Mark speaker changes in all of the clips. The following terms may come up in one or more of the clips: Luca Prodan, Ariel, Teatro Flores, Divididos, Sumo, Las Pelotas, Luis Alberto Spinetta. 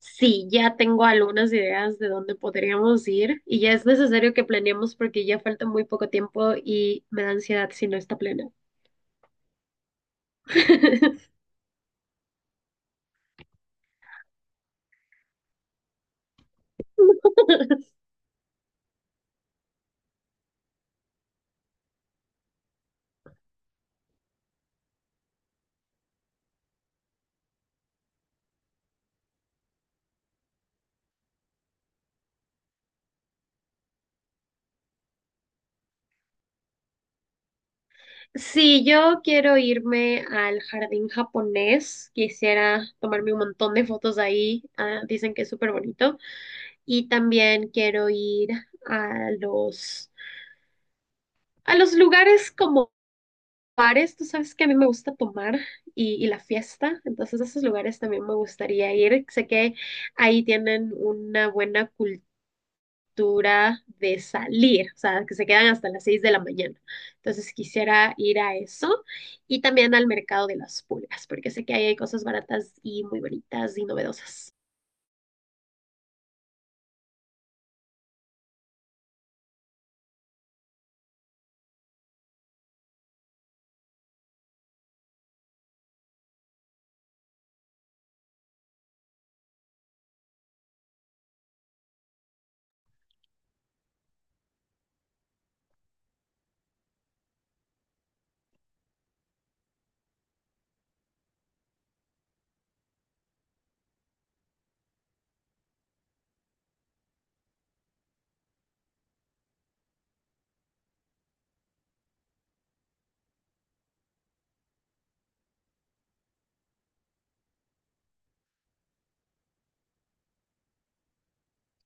Speaker 1: Sí, ya tengo algunas ideas de dónde podríamos ir y ya es necesario que planeemos porque ya falta muy poco tiempo y me da ansiedad si no está plena. Sí, yo quiero irme al jardín japonés, quisiera tomarme un montón de fotos ahí, dicen que es súper bonito y también quiero ir a los, a los lugares como bares. Tú sabes que a mí me gusta tomar y la fiesta, entonces a esos lugares también me gustaría ir. Sé que ahí tienen una buena cultura de salir, o sea, que se quedan hasta las 6 de la mañana. Entonces quisiera ir a eso y también al mercado de las pulgas, porque sé que ahí hay cosas baratas y muy bonitas y novedosas.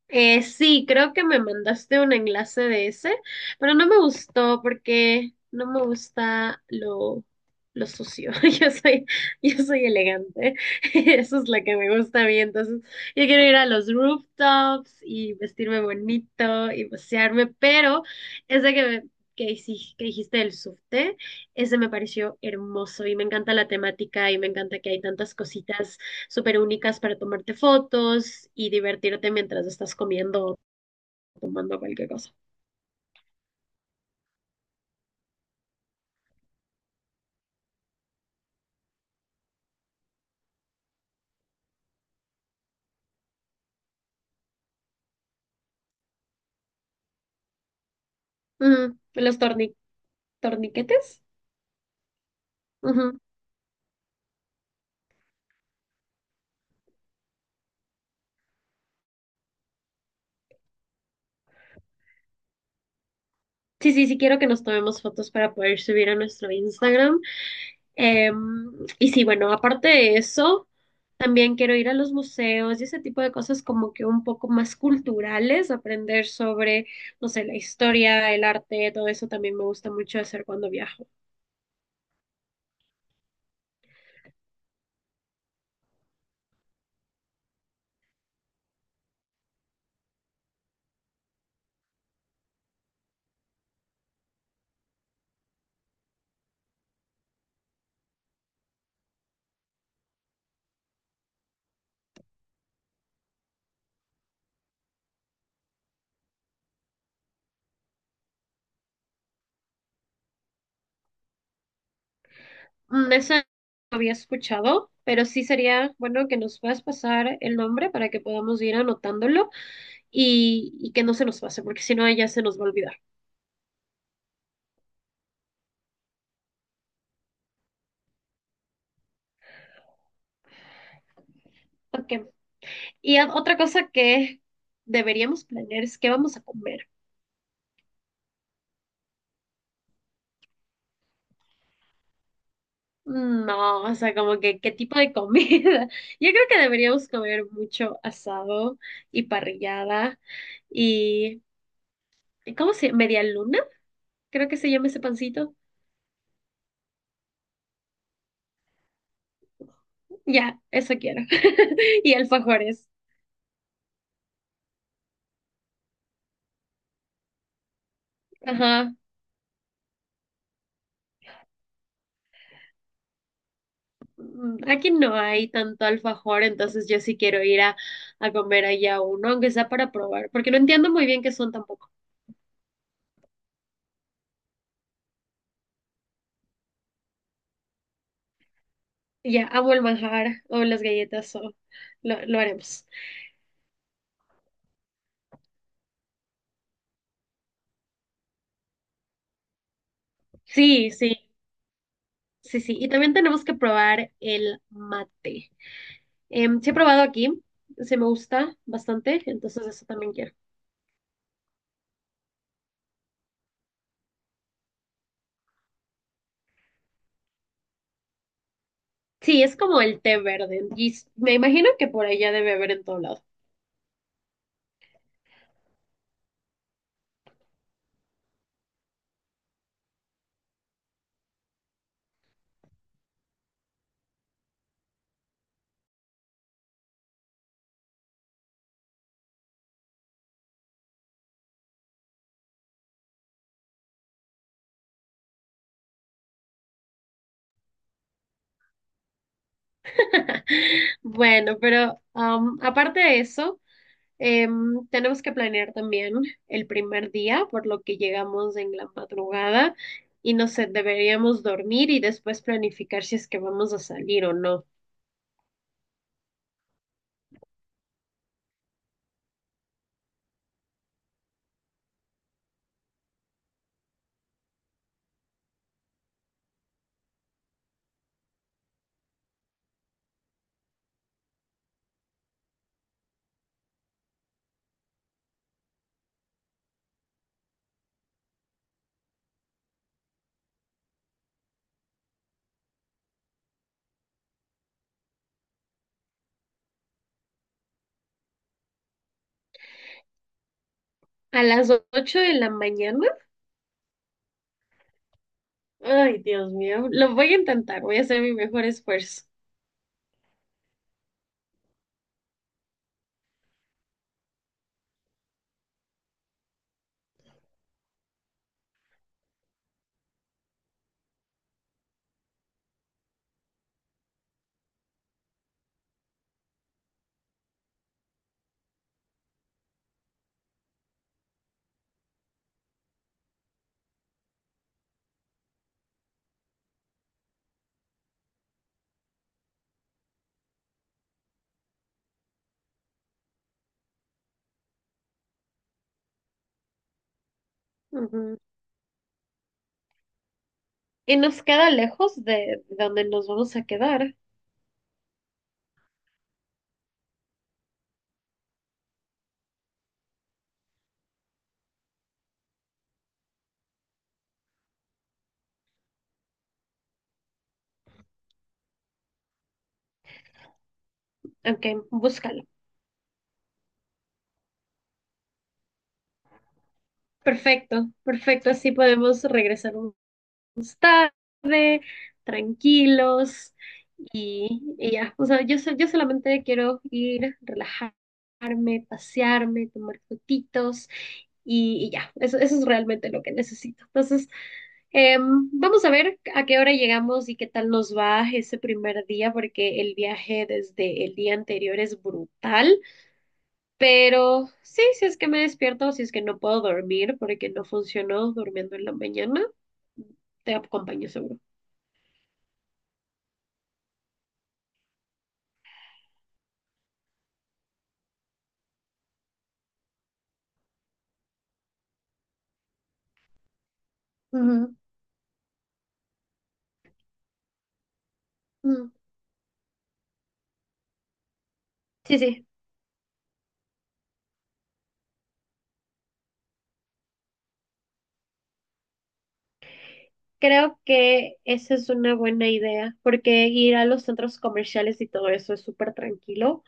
Speaker 1: Sí, creo que me mandaste un enlace de ese, pero no me gustó porque no me gusta lo sucio. Yo soy, yo soy elegante. Eso es lo que me gusta a mí. Entonces, yo quiero ir a los rooftops y vestirme bonito y pasearme, pero ese que, me- hiciste, que dijiste del subte, ese me pareció hermoso y me encanta la temática y me encanta que hay tantas cositas súper únicas para tomarte fotos y divertirte mientras estás comiendo o tomando cualquier cosa. Ujú. Torniquetes. Ujú. Sí, sí, sí, quiero que nos tomemos fotos para poder subir a nuestro Instagram. Em, y sí, bueno, aparte de eso, también quiero ir a los museos y ese tipo de cosas como que un poco más culturales, aprender sobre, no sé, la historia, el arte, todo eso también me gusta mucho hacer cuando viajo. Mm, esa no había escuchado, pero sí sería bueno que nos puedas pasar el nombre para que podamos ir anotándolo y que no se nos pase, porque si no ya se nos va a olvidar. Ok. Y otra cosa que deberíamos planear es qué vamos a comer. Mm, no, o sea, como que qué tipo de comida. Yo creo que deberíamos comer mucho asado y parrillada y ¿cómo se llama? ¿Media luna? Creo que se llama ese pancito. Ya, eso quiero. Y alfajores. Ajá. Mm, aquí no hay tanto alfajor, entonces yo sí quiero ir a comer allá uno, aunque sea para probar, porque no entiendo muy bien qué son tampoco. Y ya, amo el manjar o las galletas o lo haremos. Sí, sí, sí, sí. Y también tenemos que probar el mate. Sí he probado aquí, se me gusta bastante, entonces eso también quiero. Sí, es como el té verde, y me imagino que por allá debe haber en todo lado. Bueno, pero aparte de eso, tenemos que planear también el primer día, por lo que llegamos en la madrugada y no sé, deberíamos dormir y después planificar si es que vamos a salir o no. A las 8 de la mañana, ay, Dios mío, lo voy a intentar, voy a hacer mi mejor esfuerzo. Ujú. Y nos queda lejos de donde nos vamos a quedar. Ok, búscalo. Perfecto, perfecto, así podemos regresar un tranquilos y ya, o sea, yo solamente quiero ir, relajarme, pasearme, tomar fotitos y ya, eso es realmente lo que necesito. Entonces, vamos a ver a qué hora llegamos y qué tal nos va ese primer día, porque el viaje desde el día anterior es brutal, pero sí, si es que me despierto, si es que no puedo dormir porque no funcionó durmiendo en la mañana, te acompaño seguro. Ujú, ujú. Sí, sí, creo que esa es una buena idea, porque ir a los centros comerciales y todo eso es súper tranquilo.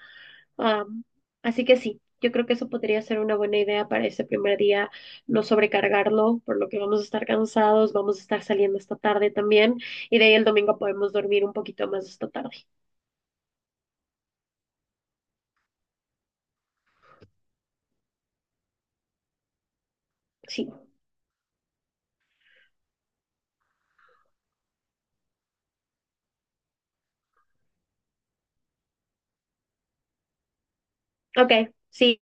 Speaker 1: Am, Así que sí, yo creo que eso podría ser una buena idea para ese primer día, no sobrecargarlo, por lo que vamos a estar cansados, vamos a estar saliendo esta tarde también, y de ahí el domingo podemos dormir un poquito más esta tarde. Sí, ok, sí.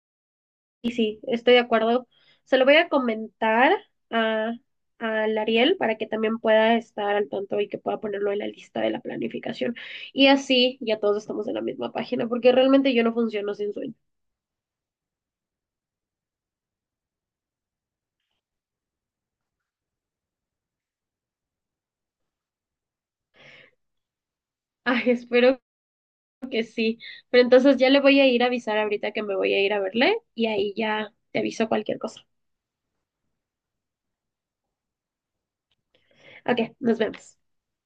Speaker 1: Y sí, estoy de acuerdo. Se lo voy a comentar a, al Ariel para que también pueda estar al tanto y que pueda ponerlo en la lista de la planificación. Y así ya todos estamos en la misma página, porque realmente yo no funciono sin sueño. Ay, espero que sí. Pero entonces ya le voy a ir a avisar ahorita que me voy a ir a verle y ahí ya te aviso cualquier cosa. Ok, nos vemos.